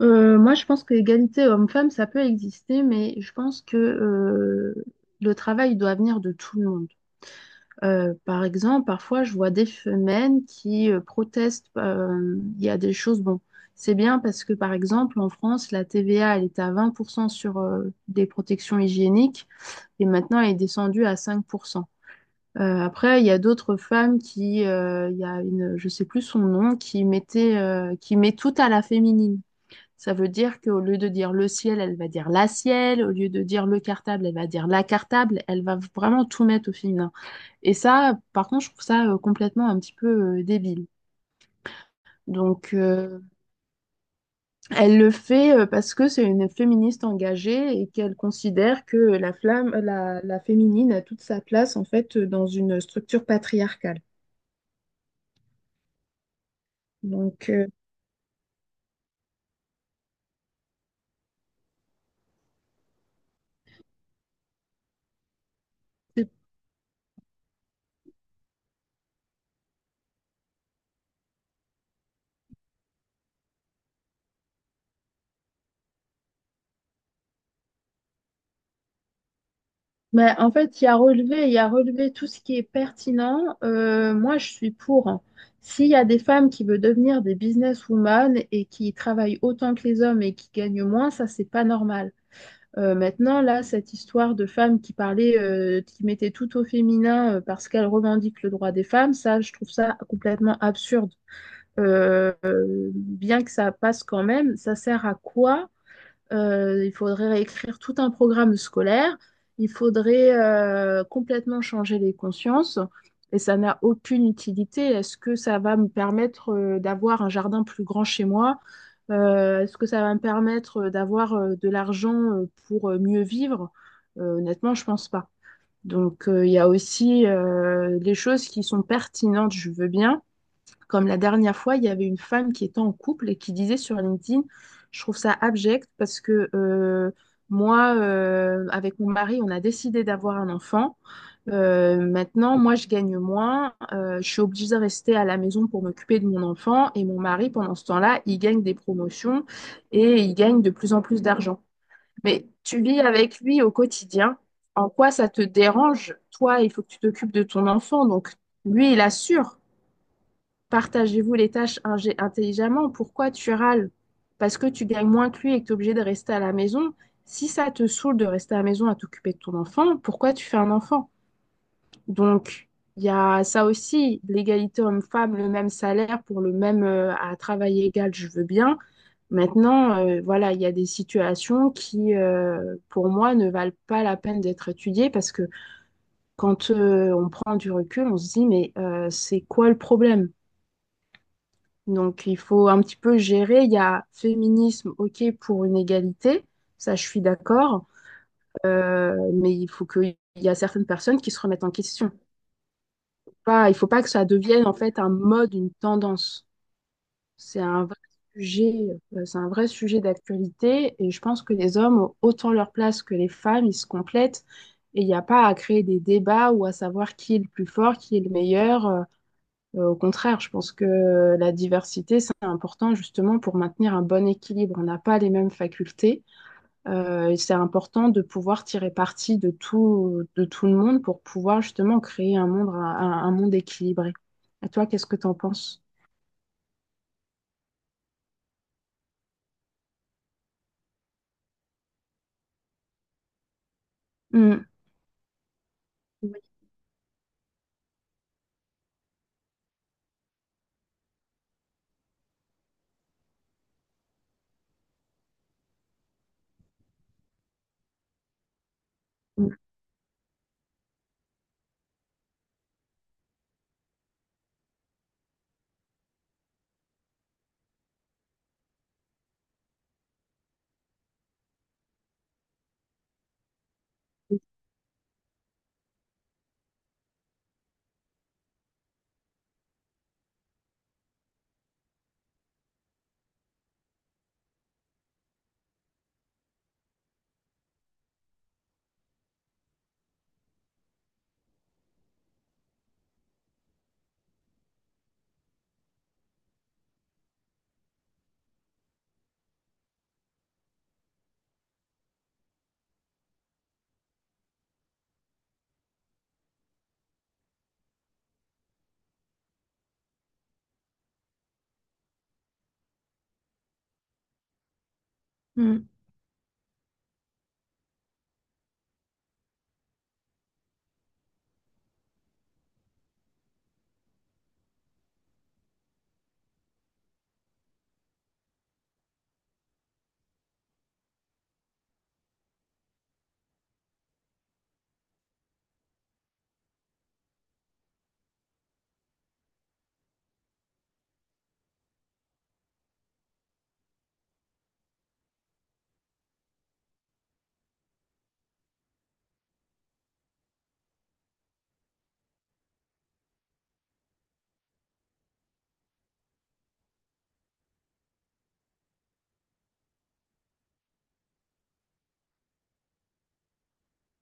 Moi, je pense que l'égalité homme-femme, ça peut exister, mais je pense que le travail doit venir de tout le monde. Par exemple, parfois, je vois des femmes qui protestent. Il y a des choses, bon, c'est bien parce que, par exemple, en France, la TVA, elle était à 20% sur des protections hygiéniques et maintenant, elle est descendue à 5%. Après, il y a d'autres femmes qui, il y a une, je sais plus son nom, qui mettait, qui met tout à la féminine. Ça veut dire qu'au lieu de dire le ciel, elle va dire la ciel. Au lieu de dire le cartable, elle va dire la cartable. Elle va vraiment tout mettre au féminin. Et ça, par contre, je trouve ça complètement un petit peu débile. Donc, euh, Elle le fait parce que c'est une féministe engagée et qu'elle considère que la flamme, la féminine a toute sa place en fait dans une structure patriarcale. Donc, c'est Ben, en fait, il y a relevé, il y a relevé tout ce qui est pertinent. Moi, je suis pour, hein. S'il y a des femmes qui veulent devenir des businesswomen et qui travaillent autant que les hommes et qui gagnent moins, ça, c'est pas normal. Maintenant, là, cette histoire de femmes qui parlaient, qui mettaient tout au féminin parce qu'elles revendiquent le droit des femmes, ça, je trouve ça complètement absurde. Bien que ça passe quand même, ça sert à quoi? Il faudrait réécrire tout un programme scolaire. Il faudrait complètement changer les consciences. Et ça n'a aucune utilité. Est-ce que ça va me permettre d'avoir un jardin plus grand chez moi? Est-ce que ça va me permettre d'avoir de l'argent pour mieux vivre? Honnêtement, je pense pas. Il y a aussi les choses qui sont pertinentes, je veux bien, comme la dernière fois, il y avait une femme qui était en couple et qui disait sur LinkedIn, je trouve ça abject parce que moi, avec mon mari, on a décidé d'avoir un enfant. Maintenant, moi, je gagne moins. Je suis obligée de rester à la maison pour m'occuper de mon enfant. Et mon mari, pendant ce temps-là, il gagne des promotions et il gagne de plus en plus d'argent. Mais tu vis avec lui au quotidien. En quoi ça te dérange? Toi, il faut que tu t'occupes de ton enfant. Donc, lui, il assure. Partagez-vous les tâches intelligemment. Pourquoi tu râles? Parce que tu gagnes moins que lui et que tu es obligé de rester à la maison. Si ça te saoule de rester à la maison à t'occuper de ton enfant, pourquoi tu fais un enfant? Donc, il y a ça aussi, l'égalité homme-femme, le même salaire pour le même à travail égal, je veux bien. Maintenant, voilà, il y a des situations qui, pour moi, ne valent pas la peine d'être étudiées parce que quand on prend du recul, on se dit, mais c'est quoi le problème? Donc, il faut un petit peu gérer. Il y a féminisme, ok, pour une égalité, ça je suis d'accord. Mais il faut qu'il y a certaines personnes qui se remettent en question. Pas, il faut pas que ça devienne en fait un mode, une tendance. C'est un vrai sujet, c'est un vrai sujet d'actualité et je pense que les hommes ont autant leur place que les femmes, ils se complètent et il n'y a pas à créer des débats ou à savoir qui est le plus fort, qui est le meilleur. Au contraire, je pense que la diversité, c'est important justement pour maintenir un bon équilibre. On n'a pas les mêmes facultés et c'est important de pouvoir tirer parti de tout le monde pour pouvoir justement créer un monde, un monde équilibré. Et toi, qu'est-ce que tu en penses? Mm. Oui. Mm,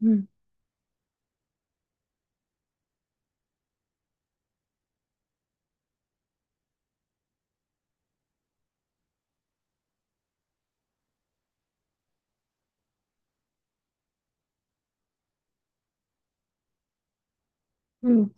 mm, mm.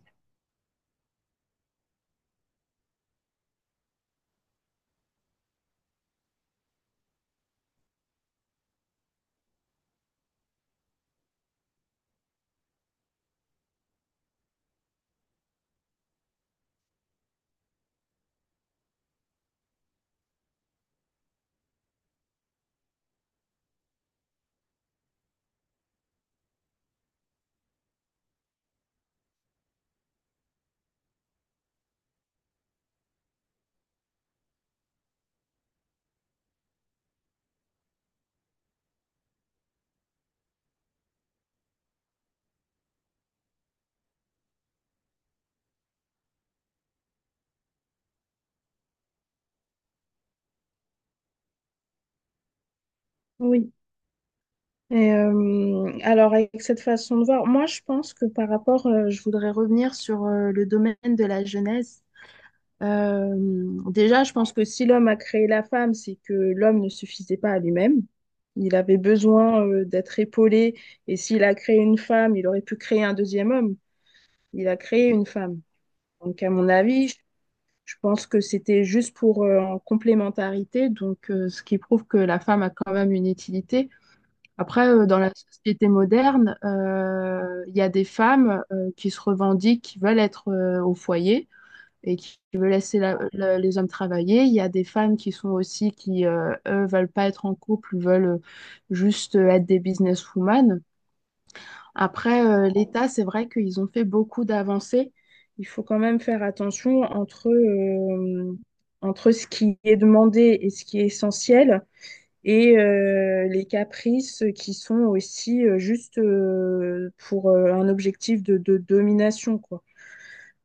Oui. Alors, avec cette façon de voir, moi, je pense que par rapport, je voudrais revenir sur le domaine de la jeunesse. Euh, Déjà, je pense que si l'homme a créé la femme, c'est que l'homme ne suffisait pas à lui-même. Il avait besoin d'être épaulé. Et s'il a créé une femme, il aurait pu créer un deuxième homme. Il a créé une femme. Donc, à mon avis, je pense que c'était juste pour en complémentarité. Donc, ce qui prouve que la femme a quand même une utilité. Après, dans la société moderne, il y a des femmes qui se revendiquent, qui veulent être au foyer et qui veut laisser les hommes travailler. Il y a des femmes qui sont aussi, qui, eux, veulent pas être en couple, veulent juste être des businesswomen. Après, l'État, c'est vrai qu'ils ont fait beaucoup d'avancées. Il faut quand même faire attention entre, entre ce qui est demandé et ce qui est essentiel. Et les caprices qui sont aussi juste pour un objectif de domination, quoi.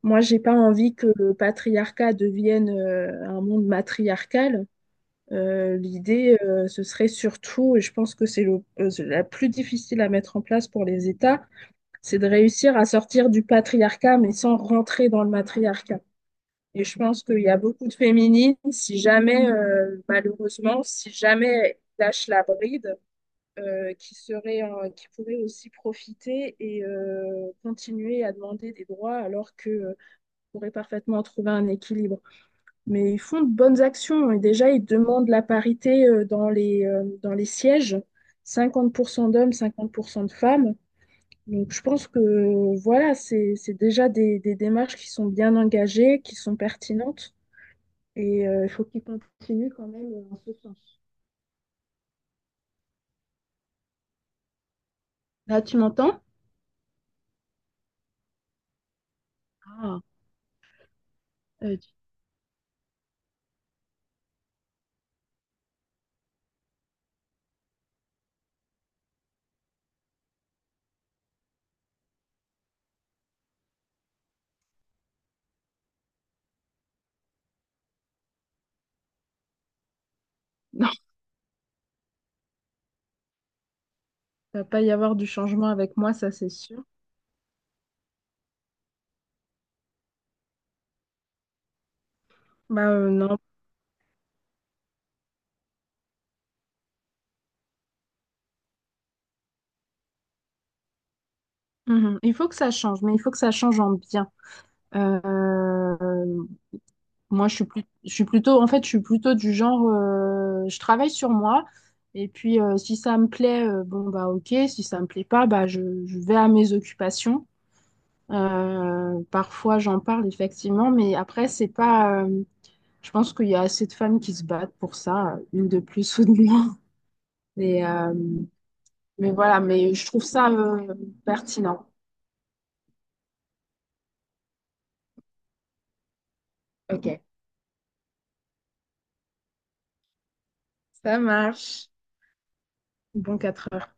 Moi, j'ai pas envie que le patriarcat devienne un monde matriarcal. L'idée, ce serait surtout, et je pense que c'est le, c'est la plus difficile à mettre en place pour les États, c'est de réussir à sortir du patriarcat, mais sans rentrer dans le matriarcat. Et je pense qu'il y a beaucoup de féminines, si jamais, malheureusement, si jamais elles lâchent la bride, qui seraient, qui pourraient aussi profiter et continuer à demander des droits alors que pourrait parfaitement trouver un équilibre. Mais ils font de bonnes actions et déjà, ils demandent la parité dans les sièges, 50% d'hommes, 50% de femmes. Donc, je pense que voilà, c'est déjà des démarches qui sont bien engagées, qui sont pertinentes et il faut qu'ils continuent quand même en ce sens. Là, tu m'entends? Ah, euh, tu- non, ça va pas y avoir du changement avec moi, ça c'est sûr. Non. Mhm. Il faut que ça change, mais il faut que ça change en bien. Euh, Moi, je suis plutôt, en fait, je suis plutôt du genre, je travaille sur moi. Et puis, si ça me plaît, bon, bah, ok. Si ça me plaît pas, bah, je vais à mes occupations. Parfois, j'en parle, effectivement. Mais après, c'est pas, je pense qu'il y a assez de femmes qui se battent pour ça, une de plus ou de moins. Mais, euh, mais voilà, mais je trouve ça, pertinent. Ok, ça marche. Bon, 4 heures.